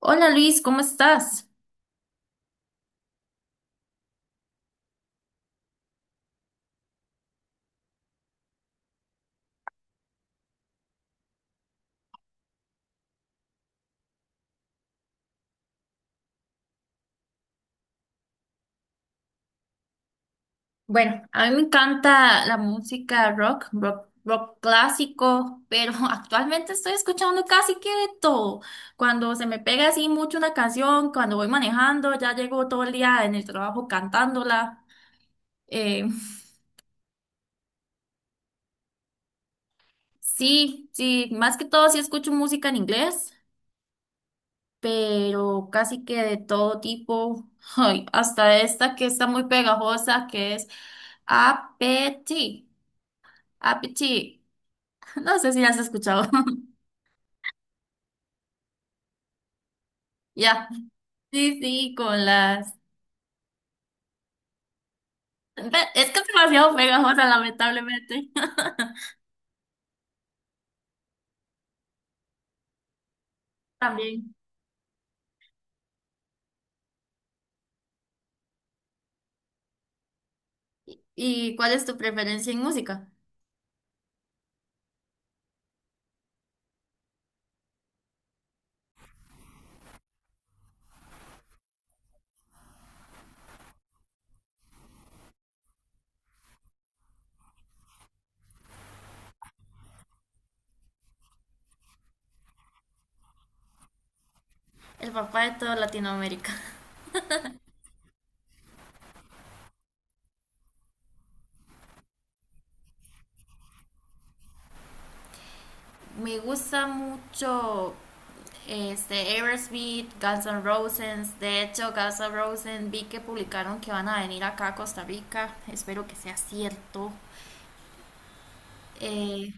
Hola Luis, ¿cómo estás? Bueno, a mí me encanta la música rock, rock clásico, pero actualmente estoy escuchando casi que de todo. Cuando se me pega así mucho una canción, cuando voy manejando, ya llego todo el día en el trabajo cantándola. Eh, sí, sí, más que todo sí escucho música en inglés, pero casi que de todo tipo. Ay, hasta esta que está muy pegajosa, que es Appetit. Appetit. No sé si las has escuchado. Ya. Sí, sí, con las. Es que es demasiado pegajosa, lamentablemente. También. ¿Y cuál es tu preferencia en música? El papá de toda Latinoamérica. Me gusta mucho este Aerosmith, Guns N' Roses. De hecho, Guns N' Roses vi que publicaron que van a venir acá a Costa Rica. Espero que sea cierto. Eh,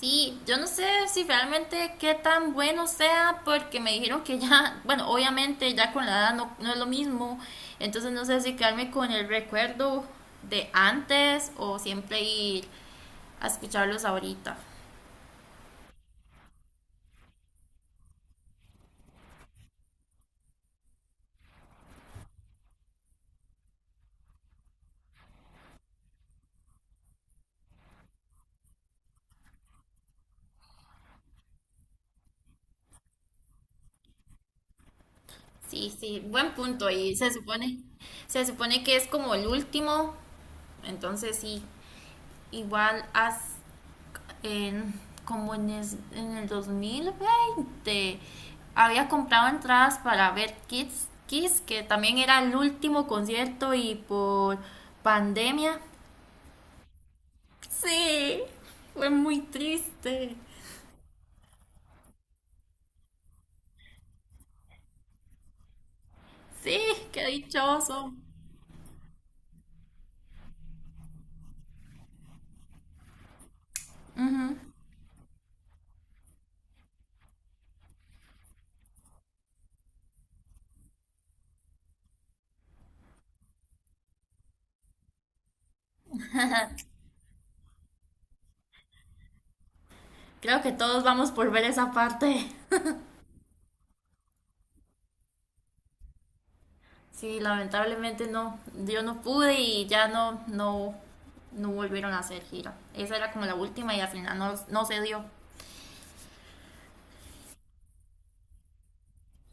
Sí, yo no sé si realmente qué tan bueno sea, porque me dijeron que ya, bueno, obviamente ya con la edad no, no es lo mismo, entonces no sé si quedarme con el recuerdo de antes o siempre ir a escucharlos ahorita. Sí, sí, buen punto, y se supone que es como el último, entonces sí, igual haz en, como en, en el 2020, había comprado entradas para ver Kids Kiss, que también era el último concierto y por pandemia. Sí, fue muy triste. Sí, qué dichoso. Creo que todos vamos por ver esa parte. Sí, lamentablemente no, yo no pude y ya no, no, no volvieron a hacer gira. Esa era como la última y al final no, no se dio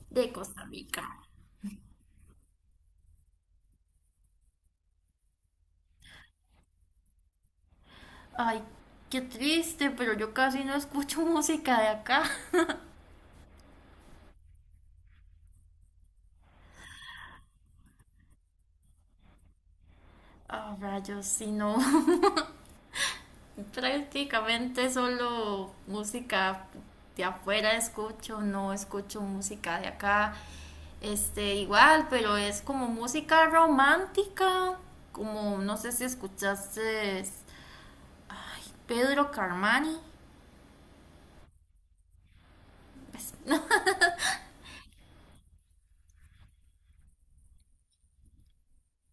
de Costa Rica. Ay, qué triste, pero yo casi no escucho música de acá. Ah, rayos, si no. Prácticamente solo música de afuera escucho, no escucho música de acá. Este, igual, pero es como música romántica, como no sé si escuchaste Pedro Carmani. Pues, no.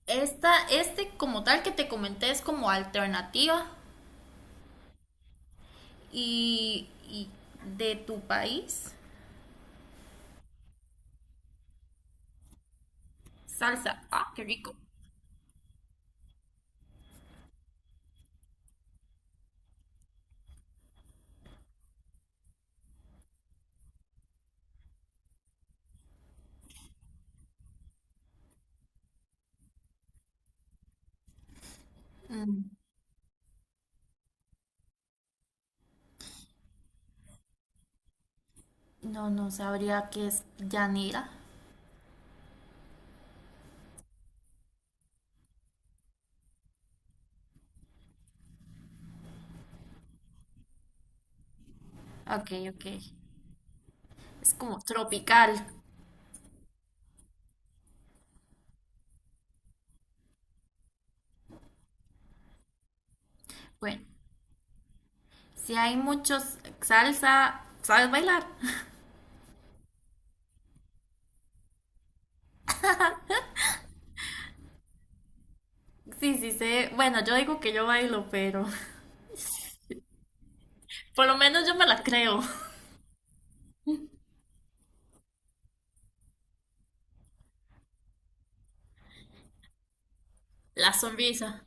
Esta, este como tal que te comenté es como alternativa y de tu país. Salsa. Ah, qué rico. Mm, no, no sabría qué es llanera. Ok, ok. Es como tropical. Bueno, si hay muchos salsa, ¿sabes bailar? Sí, sí sé. Bueno, yo digo que yo bailo, pero por lo menos yo me la creo. La sonrisa.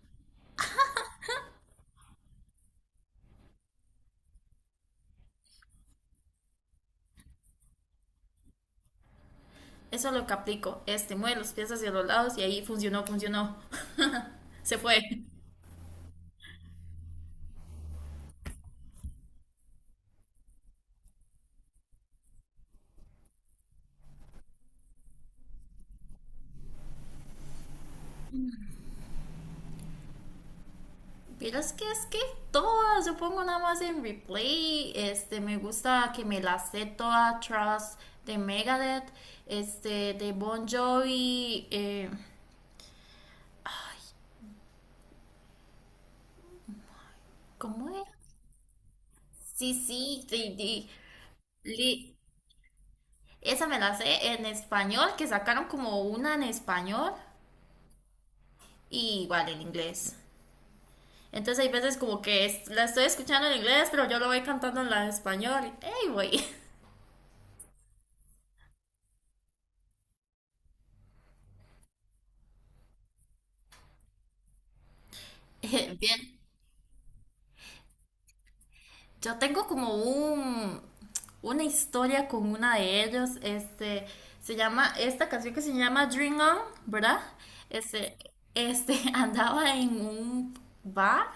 Eso es lo que aplico. Este, mueve los pies hacia los lados y ahí funcionó, funcionó. Se fue. Pero es que todas, yo pongo nada más en replay, este, me gusta que me la sé toda, Trust de Megadeth, este, de Bon Jovi, ¿cómo es? Sí, sí, li- esa me la sé en español, que sacaron como una en español y igual en inglés. Entonces hay veces como que la estoy escuchando en inglés, pero yo lo voy cantando en la español. ¡Ey, güey! Bien. Yo tengo como un, una historia con una de ellos. Este, se llama, esta canción que se llama Dream On, ¿verdad? Este, andaba en un bar,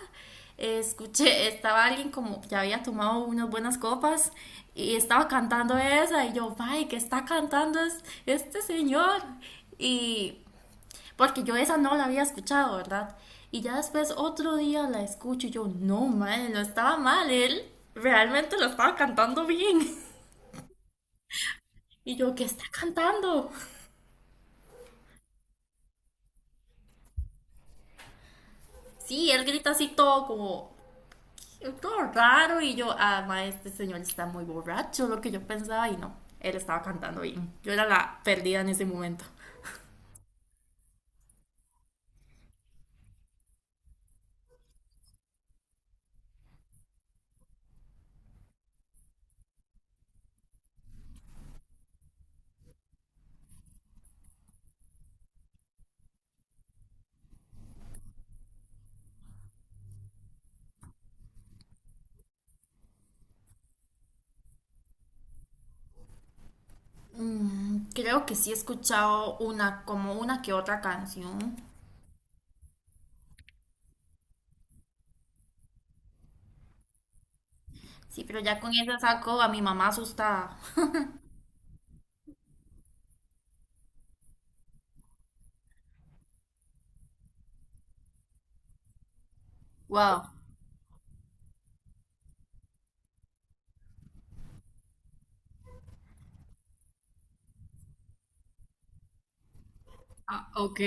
escuché, estaba alguien como que había tomado unas buenas copas y estaba cantando esa y yo, ay, ¿qué está cantando este señor? Y porque yo esa no la había escuchado, ¿verdad? Y ya después otro día la escucho y yo, no, madre, no estaba mal, él realmente lo estaba cantando bien. Y yo, ¿qué está cantando? Sí, él grita así todo como, todo raro. Y yo, ah, ma, este señor está muy borracho, lo que yo pensaba. Y no, él estaba cantando bien. Yo era la perdida en ese momento. Mm, creo que sí he escuchado una, como una que otra canción. Sí, pero ya con esa saco a mi mamá asustada. Wow. Ah, ok.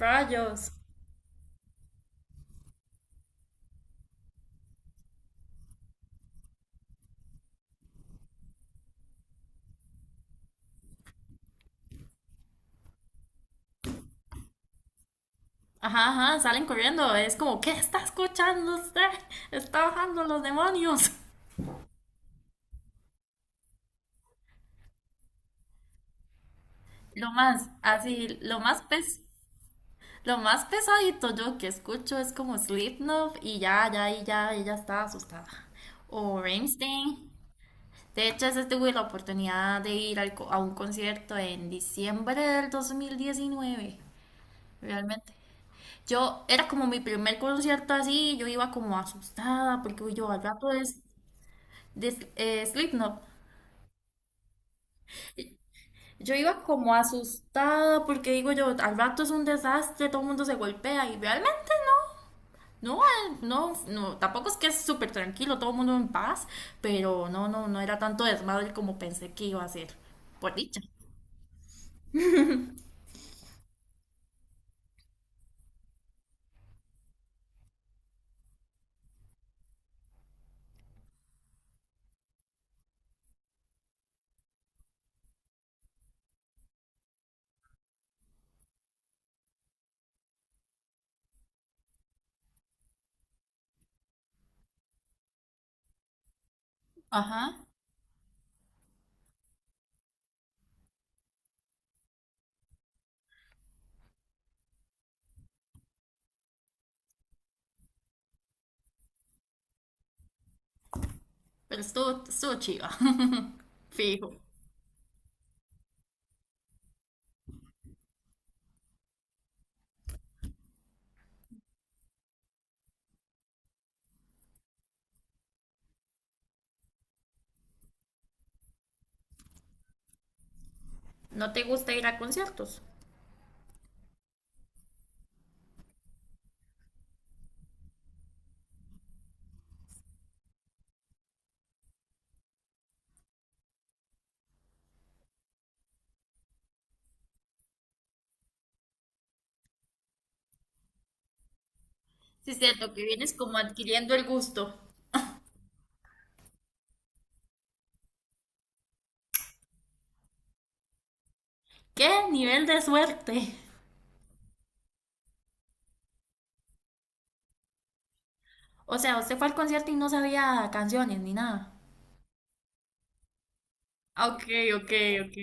Rayos. Ajá, ajá, salen corriendo. Es como, ¿qué está escuchando usted? Está bajando los demonios. Lo más, así, lo más pesadito yo que escucho es como Slipknot y ya, ya, y ya, ella está asustada. O Rammstein. De hecho, ese tuve la oportunidad de ir a un concierto en diciembre del 2019, realmente. Yo, era como mi primer concierto así, yo iba como asustada porque uy, yo al rato es, de Slipknot. Yo iba como asustada porque digo yo, al rato es un desastre, todo el mundo se golpea y realmente no, no, no, tampoco es que es súper tranquilo, todo el mundo en paz, pero no, no, no era tanto desmadre como pensé que iba a ser, por dicha. Ajá. Pero estuvo, estuvo chiva, fijo. ¿No te gusta ir a conciertos? Sí, cierto, que vienes como adquiriendo el gusto. ¡Qué nivel de suerte! O sea, usted fue al concierto y no sabía canciones ni nada. Ok, ok, ok.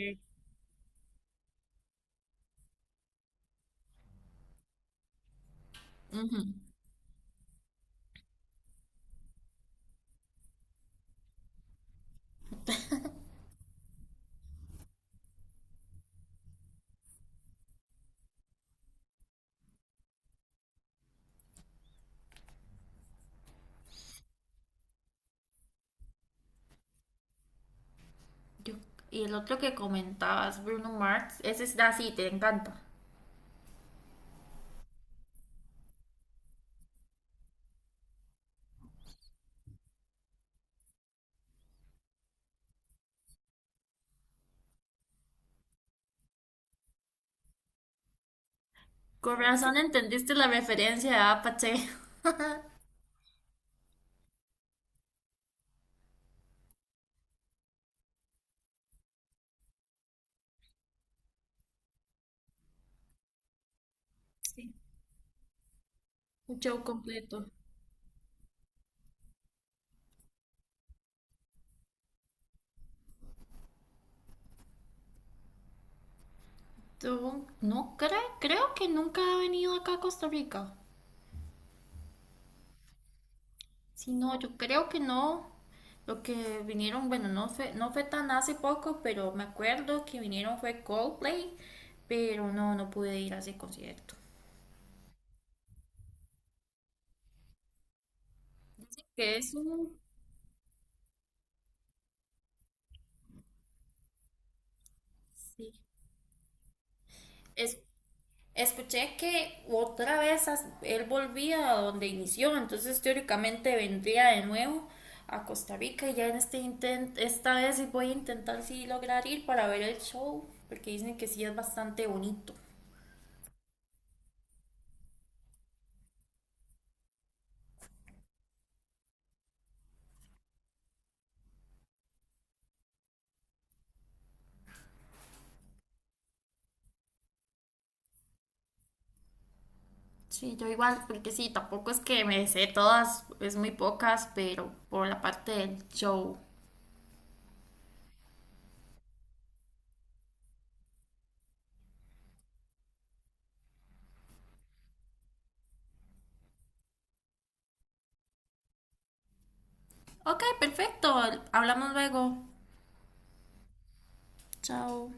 Ujú. Yo- y el otro que comentabas, Bruno Mars, ese es así, te encanta. Con razón entendiste la referencia de Apache. Sí, un show completo. No creo, creo que nunca ha venido acá a Costa Rica. Si no, yo creo que no. Lo que vinieron, bueno, no fue, no fue tan hace poco, pero me acuerdo que vinieron fue Coldplay, pero no, no pude ir a ese concierto. Que es un, sí, es escuché que otra vez él volvía a donde inició, entonces teóricamente vendría de nuevo a Costa Rica y ya en este intento, esta vez sí voy a intentar sí lograr ir para ver el show, porque dicen que sí es bastante bonito. Sí, yo igual, porque sí, tampoco es que me sé todas, es muy pocas, pero por la parte del show. Ok, perfecto, hablamos luego. Chao.